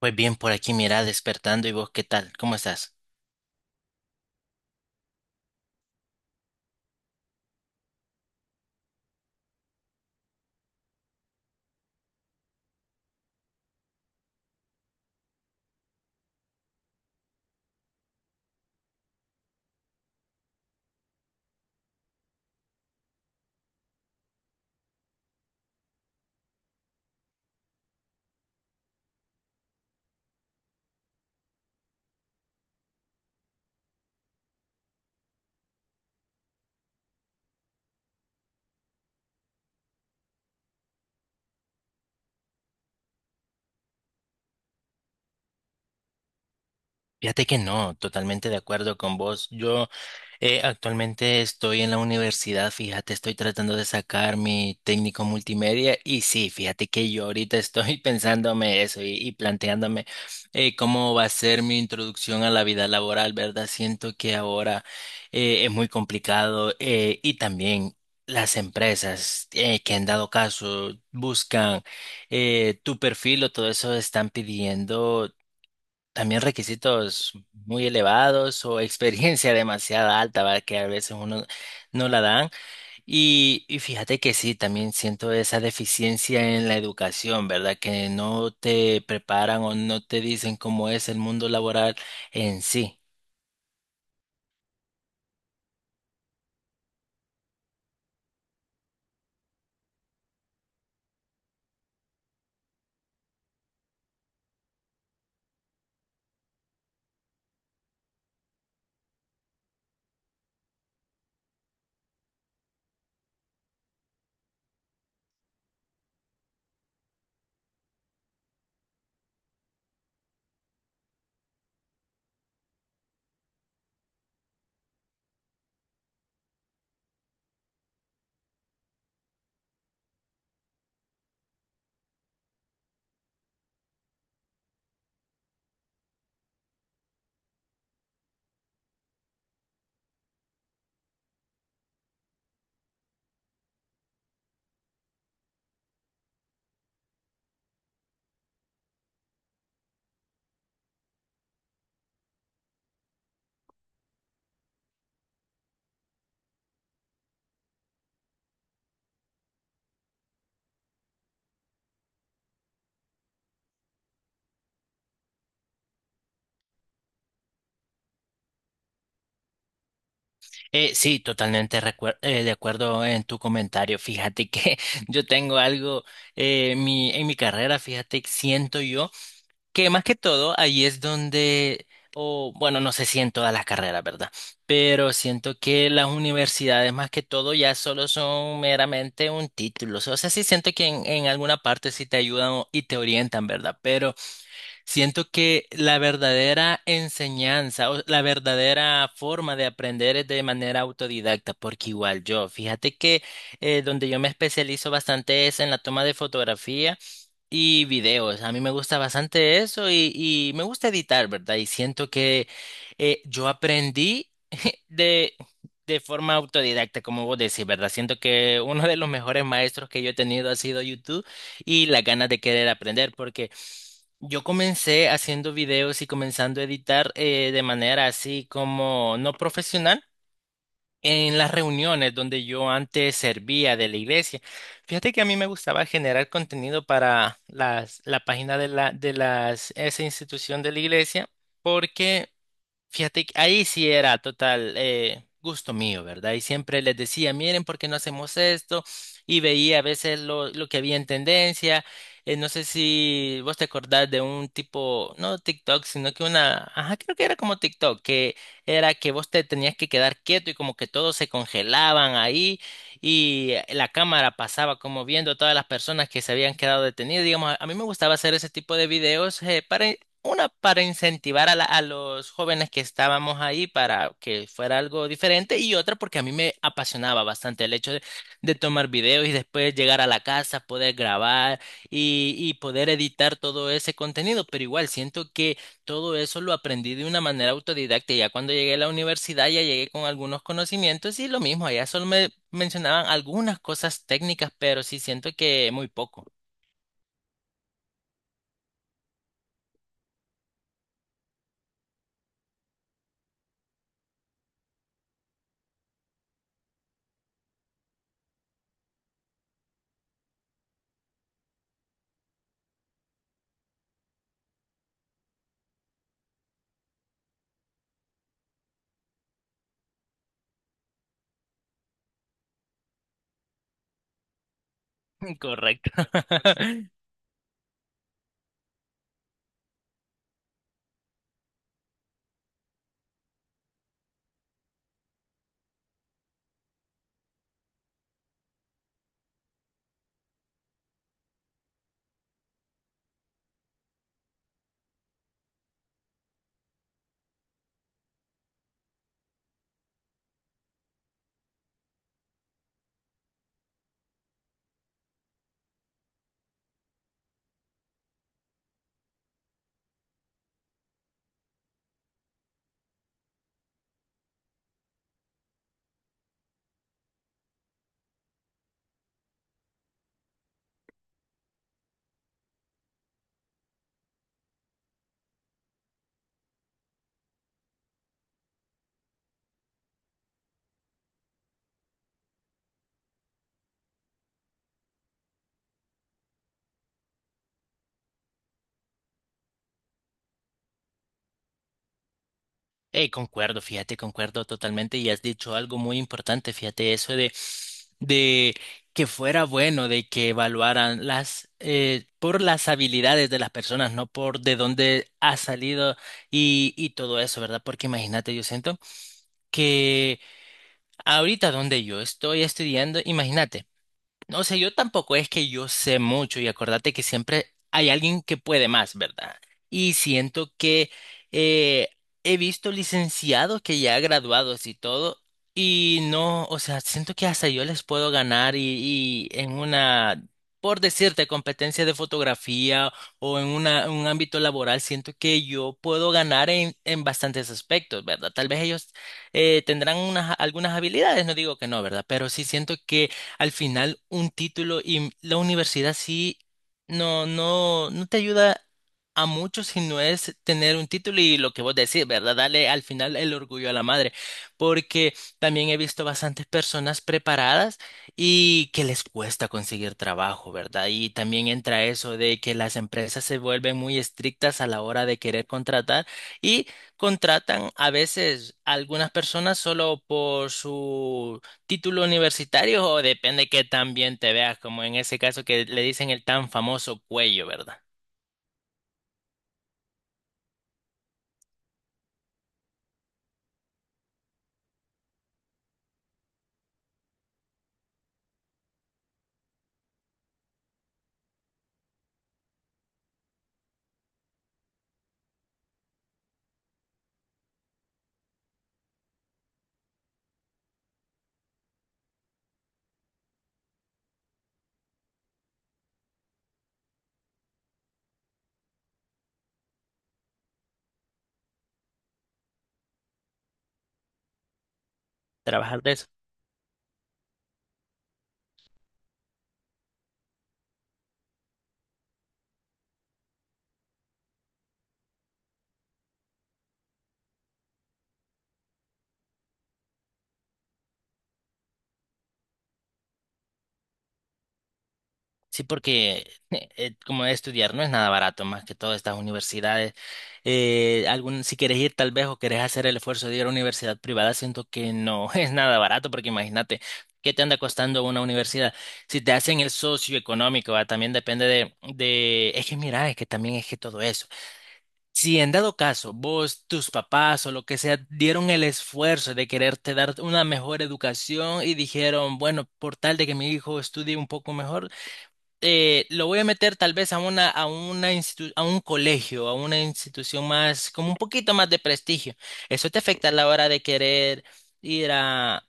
Pues bien, por aquí mira, despertando y vos, ¿qué tal? ¿Cómo estás? Fíjate que no, totalmente de acuerdo con vos. Yo Actualmente estoy en la universidad, fíjate, estoy tratando de sacar mi técnico multimedia y sí, fíjate que yo ahorita estoy pensándome eso y planteándome cómo va a ser mi introducción a la vida laboral, ¿verdad? Siento que ahora es muy complicado y también... Las empresas que han dado caso buscan tu perfil o todo eso están pidiendo también requisitos muy elevados o experiencia demasiada alta, ¿verdad? Que a veces uno no la dan. Y fíjate que sí, también siento esa deficiencia en la educación, ¿verdad? Que no te preparan o no te dicen cómo es el mundo laboral en sí. Sí, totalmente de acuerdo en tu comentario. Fíjate que yo tengo algo en mi carrera, fíjate, siento yo. Que más que todo, ahí es donde, o bueno, no sé si en todas las carreras, ¿verdad? Pero siento que las universidades más que todo ya solo son meramente un título. O sea, sí siento que en alguna parte sí te ayudan y te orientan, ¿verdad? Pero siento que la verdadera enseñanza o la verdadera forma de aprender es de manera autodidacta, porque igual yo, fíjate que donde yo me especializo bastante es en la toma de fotografía. Y videos, a mí me gusta bastante eso y me gusta editar, ¿verdad? Y siento que yo aprendí de, de forma autodidacta, como vos decís, ¿verdad? Siento que uno de los mejores maestros que yo he tenido ha sido YouTube y las ganas de querer aprender, porque yo comencé haciendo videos y comenzando a editar de manera así como no profesional. En las reuniones donde yo antes servía de la iglesia, fíjate que a mí me gustaba generar contenido para la página de esa institución de la iglesia, porque fíjate que ahí sí era total gusto mío, ¿verdad? Y siempre les decía, miren, ¿por qué no hacemos esto? Y veía a veces lo que había en tendencia. No sé si vos te acordás de un tipo, no TikTok, sino que una, ajá, creo que era como TikTok, que era que vos te tenías que quedar quieto y como que todos se congelaban ahí y la cámara pasaba como viendo a todas las personas que se habían quedado detenidas. Digamos, a mí me gustaba hacer ese tipo de videos para una, para incentivar a los jóvenes que estábamos ahí para que fuera algo diferente y otra porque a mí me apasionaba bastante el hecho de tomar videos y después llegar a la casa, poder grabar y poder editar todo ese contenido. Pero igual siento que todo eso lo aprendí de una manera autodidacta. Ya cuando llegué a la universidad ya llegué con algunos conocimientos y lo mismo, allá solo me mencionaban algunas cosas técnicas, pero sí siento que muy poco. Correcto. Concuerdo, fíjate, concuerdo totalmente y has dicho algo muy importante, fíjate, eso de que fuera bueno, de que evaluaran por las habilidades de las personas, no por de dónde ha salido y todo eso, ¿verdad? Porque imagínate, yo siento que ahorita donde yo estoy estudiando, imagínate. No sé, yo tampoco es que yo sé mucho y acordate que siempre hay alguien que puede más, ¿verdad? Y siento que eh, he visto licenciados que ya graduados y todo, y no, o sea, siento que hasta yo les puedo ganar y en una, por decirte, competencia de fotografía o en una, un ámbito laboral, siento que yo puedo ganar en bastantes aspectos, ¿verdad? Tal vez ellos tendrán unas, algunas habilidades, no digo que no, ¿verdad? Pero sí siento que al final un título y la universidad sí no te ayuda a mucho si no es tener un título y lo que vos decís, ¿verdad? Dale al final el orgullo a la madre, porque también he visto bastantes personas preparadas y que les cuesta conseguir trabajo, ¿verdad? Y también entra eso de que las empresas se vuelven muy estrictas a la hora de querer contratar y contratan a veces a algunas personas solo por su título universitario o depende que tan bien te veas, como en ese caso que le dicen el tan famoso cuello, ¿verdad? Trabajar de eso. Sí, porque como estudiar no es nada barato, más que todas estas universidades. Si quieres ir tal vez o quieres hacer el esfuerzo de ir a una universidad privada, siento que no es nada barato, porque imagínate, ¿qué te anda costando una universidad? Si te hacen el socioeconómico, ¿va? También depende de, es que mira, es que también es que todo eso. Si en dado caso vos, tus papás o lo que sea dieron el esfuerzo de quererte dar una mejor educación y dijeron, bueno, por tal de que mi hijo estudie un poco mejor, lo voy a meter tal vez a una, a un colegio, a una institución más, como un poquito más de prestigio. Eso te afecta a la hora de querer ir a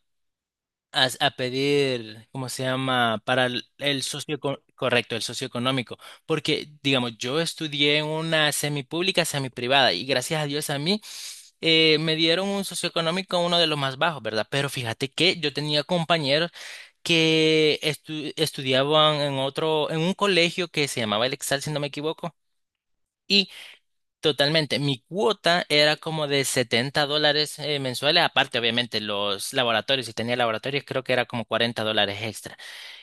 a, a pedir, ¿cómo se llama? Para el correcto, el socioeconómico. Porque, digamos, yo estudié en una semipública, semiprivada, y gracias a Dios a mí me dieron un socioeconómico uno de los más bajos, ¿verdad? Pero fíjate que yo tenía compañeros que estudiaban en otro, en un colegio que se llamaba El Exal, si no me equivoco. Totalmente. Mi cuota era como de 70 dólares mensuales, aparte obviamente los laboratorios, si tenía laboratorios creo que era como 40 dólares extra.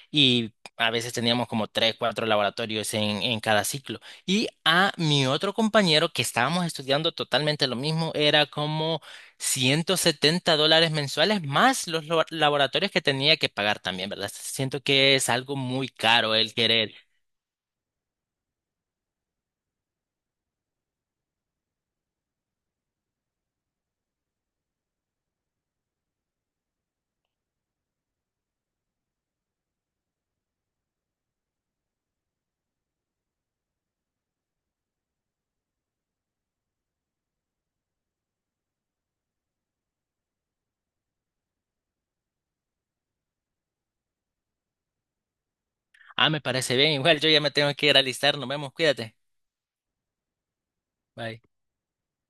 Y a veces teníamos como 3, 4 laboratorios en cada ciclo. Y a mi otro compañero que estábamos estudiando totalmente lo mismo, era como 170 dólares mensuales más los laboratorios que tenía que pagar también, ¿verdad? Siento que es algo muy caro el querer. Ah, me parece bien, igual yo ya me tengo que ir a alistar, nos vemos, cuídate. Bye.